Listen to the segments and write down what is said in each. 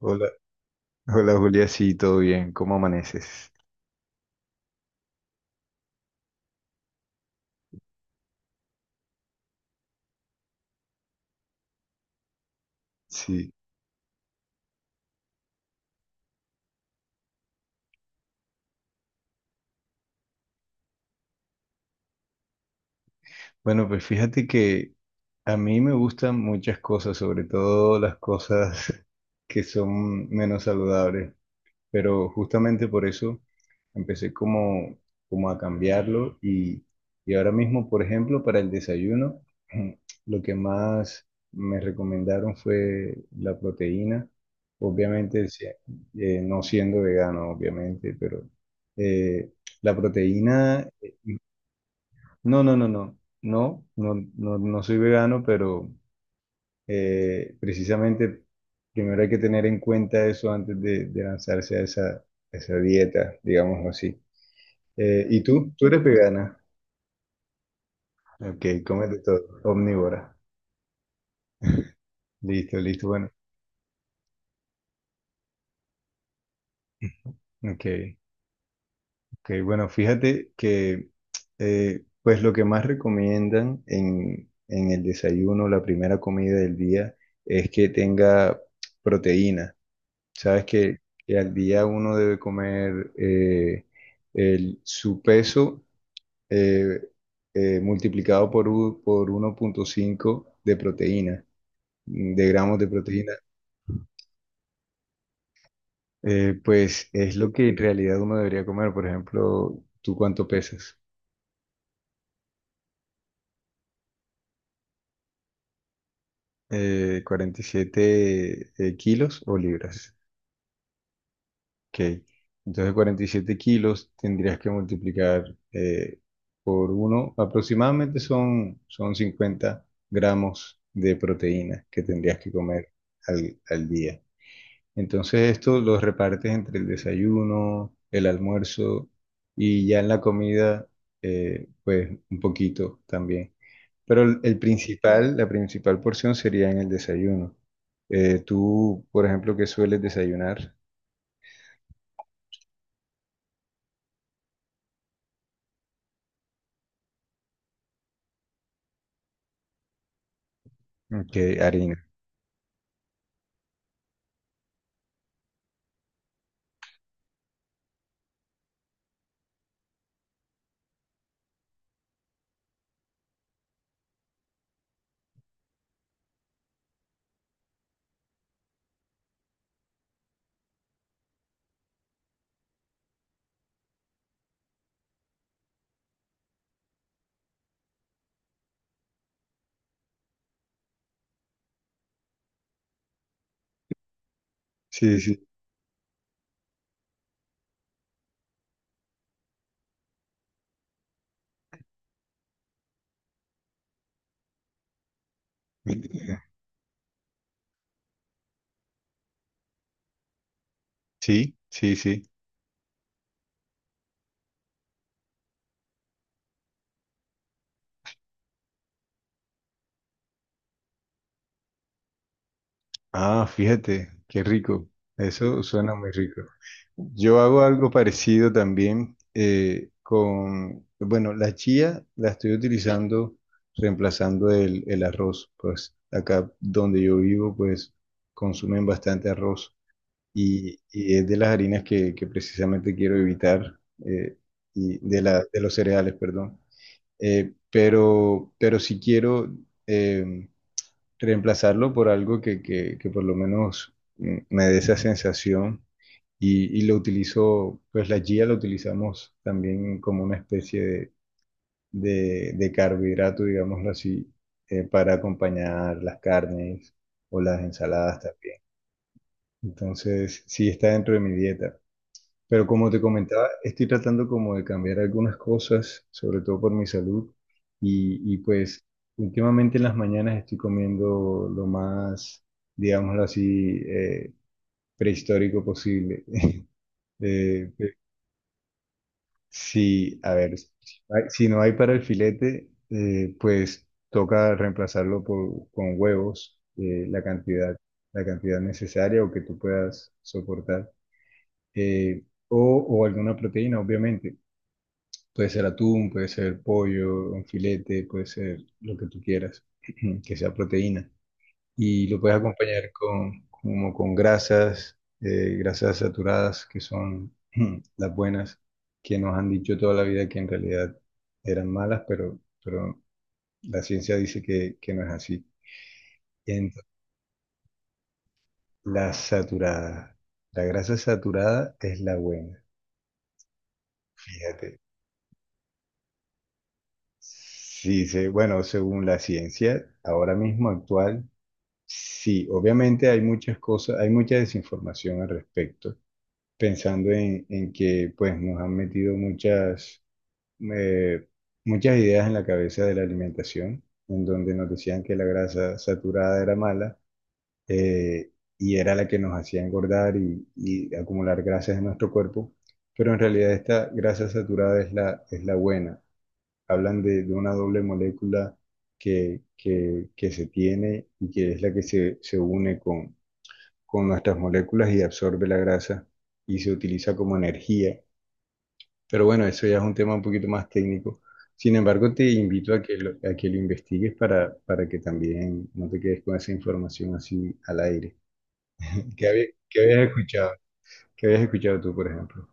Hola, hola Julia, sí, todo bien, ¿cómo amaneces? Sí, bueno, pues fíjate que a mí me gustan muchas cosas, sobre todo las cosas que son menos saludables. Pero justamente por eso empecé como a cambiarlo y ahora mismo, por ejemplo, para el desayuno, lo que más me recomendaron fue la proteína, obviamente no siendo vegano, obviamente, pero eh, la proteína. No, no soy vegano, pero precisamente, primero hay que tener en cuenta eso antes de lanzarse a a esa dieta, digámoslo así. ¿Y tú? ¿Tú eres vegana? Ok, cómete todo, omnívora. Listo, listo, bueno. Ok, ok, bueno, fíjate que pues lo que más recomiendan en el desayuno, la primera comida del día, es que tenga proteína. Sabes que al día uno debe comer su peso eh, multiplicado por, por 1.5 de proteína, de gramos de proteína. Pues es lo que en realidad uno debería comer. Por ejemplo, ¿tú cuánto pesas? 47 kilos o libras. Ok. Entonces 47 kilos tendrías que multiplicar eh, por uno, aproximadamente son, son 50 gramos de proteína que tendrías que comer al día. Entonces esto los repartes entre el desayuno, el almuerzo y ya en la comida, pues un poquito también. Pero el principal, la principal porción sería en el desayuno. Tú, por ejemplo, ¿qué sueles desayunar? Ok, harina. Sí, sí. Sí, sí, sí. Ah, fíjate, qué rico. Eso suena muy rico. Yo hago algo parecido también con, bueno, la chía la estoy utilizando reemplazando el arroz. Pues acá donde yo vivo, pues consumen bastante arroz y es de las harinas que precisamente quiero evitar eh, de los cereales, perdón. Pero si quiero, em, reemplazarlo por algo que por lo menos me dé esa sensación y lo utilizo. Pues la chía la utilizamos también como una especie de carbohidrato, digámoslo así, para acompañar las carnes o las ensaladas también. Entonces, sí está dentro de mi dieta. Pero como te comentaba, estoy tratando como de cambiar algunas cosas, sobre todo por mi salud. Y pues últimamente en las mañanas estoy comiendo lo más, digámoslo así, prehistórico posible. Eh, pe- sí, a ver, si no hay para el filete, pues toca reemplazarlo con huevos, la cantidad necesaria o que tú puedas soportar. O alguna proteína, obviamente. Puede ser atún, puede ser pollo, un filete, puede ser lo que tú quieras, que sea proteína. Y lo puedes acompañar con, como con grasas, grasas saturadas, que son las buenas, que nos han dicho toda la vida que en realidad eran malas, pero la ciencia dice que no es así. Entonces, la saturada. La grasa saturada es la buena, fíjate. Sí, se- bueno, según la ciencia, ahora mismo actual. Sí, obviamente hay muchas cosas, hay mucha desinformación al respecto, pensando en que pues nos han metido muchas, eh, muchas ideas en la cabeza de la alimentación, en donde nos decían que la grasa saturada era mala eh, y era la que nos hacía engordar y acumular grasas en nuestro cuerpo, pero en realidad esta grasa saturada es es la buena. Hablan de una doble molécula que se tiene y que es la que se une con nuestras moléculas y absorbe la grasa y se utiliza como energía. Pero bueno, eso ya es un tema un poquito más técnico. Sin embargo, te invito a que a que lo investigues para que también no te quedes con esa información así al aire. ¿Qué habías escuchado? ¿Qué habías escuchado tú, por ejemplo?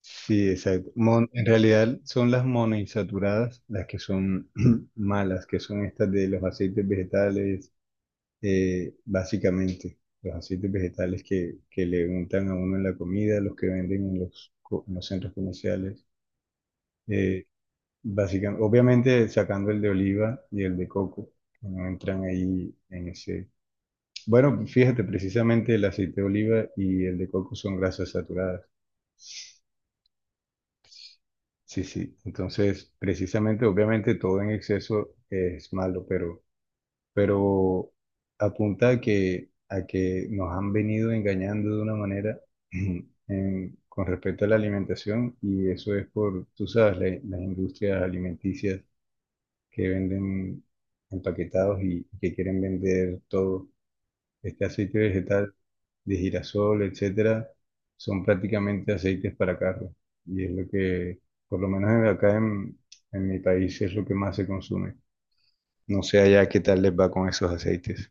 Sí, exacto. En realidad son las monoinsaturadas las que son malas, que son estas de los aceites vegetales, básicamente, los aceites vegetales que le untan a uno en la comida, los que venden en en los centros comerciales, eh, básicamente, obviamente sacando el de oliva y el de coco, que no entran ahí en ese... Bueno, fíjate, precisamente el aceite de oliva y el de coco son grasas saturadas. Sí, sí. Entonces, precisamente, obviamente todo en exceso es malo, pero apunta a que nos han venido engañando de una manera en- con respecto a la alimentación, y eso es por, tú sabes, las industrias alimenticias que venden empaquetados y que quieren vender todo. Este aceite vegetal de girasol, etcétera, son prácticamente aceites para carros y es lo que, por lo menos acá en mi país, es lo que más se consume. No sé allá qué tal les va con esos aceites.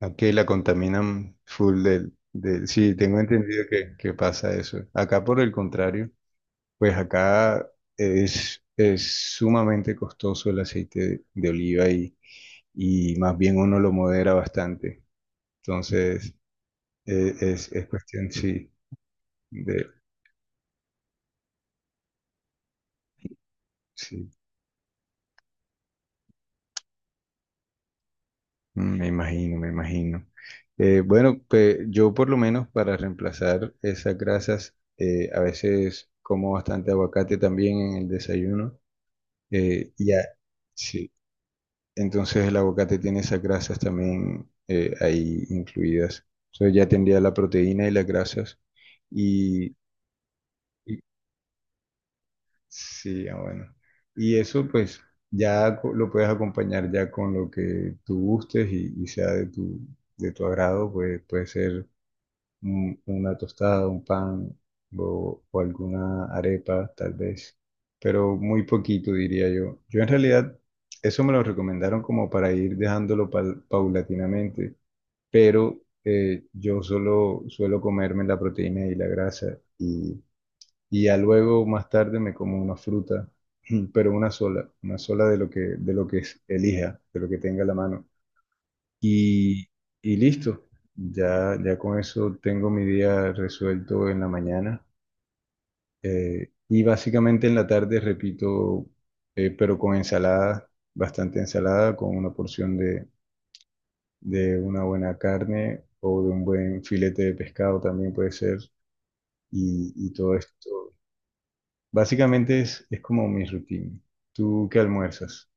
Aquí la contaminan full Sí, tengo entendido que pasa eso. Acá por el contrario, pues acá es sumamente costoso el aceite de oliva y más bien uno lo modera bastante. Entonces, es cuestión, sí, de... Sí, mm, me imagino, me imagino. Bueno, pues yo por lo menos para reemplazar esas grasas, a veces como bastante aguacate también en el desayuno. Eh, y a- sí, entonces el aguacate tiene esas grasas también ahí incluidas. Entonces ya tendría la proteína y las grasas. Y, y- sí, ah, bueno. Y eso pues ya lo puedes acompañar ya con lo que tú gustes y sea de tu agrado, pues puede ser una tostada, un pan o alguna arepa, tal vez, pero muy poquito, diría yo. Yo en realidad eso me lo recomendaron como para ir dejándolo paulatinamente, pero yo solo suelo comerme la proteína y la grasa y ya luego más tarde me como una fruta, pero una sola de lo que elija, de lo que tenga a la mano. Y, y listo, ya, ya con eso tengo mi día resuelto en la mañana. Y básicamente en la tarde repito, pero con ensalada, bastante ensalada, con una porción de una buena carne o de un buen filete de pescado también puede ser. Y todo esto. Básicamente es como mi rutina. ¿Tú qué almuerzas?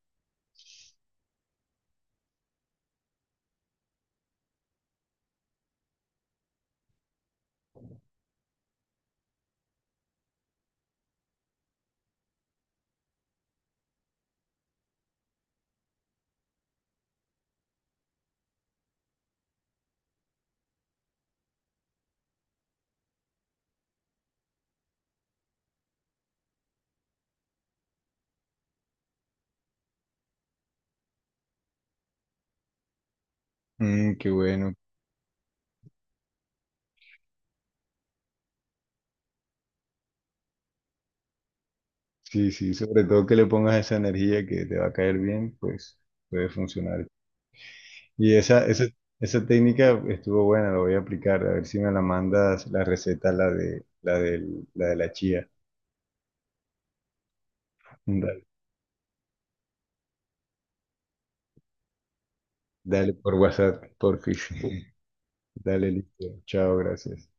Mm, qué bueno. Sí, sí, sobre todo que le pongas esa energía que te va a caer bien, pues puede funcionar. Y esa técnica estuvo buena, la voy a aplicar. A ver si me la mandas la receta, la de la, del, la de la chía. Dale, dale por WhatsApp, por fish. Dale, listo. Chao, gracias.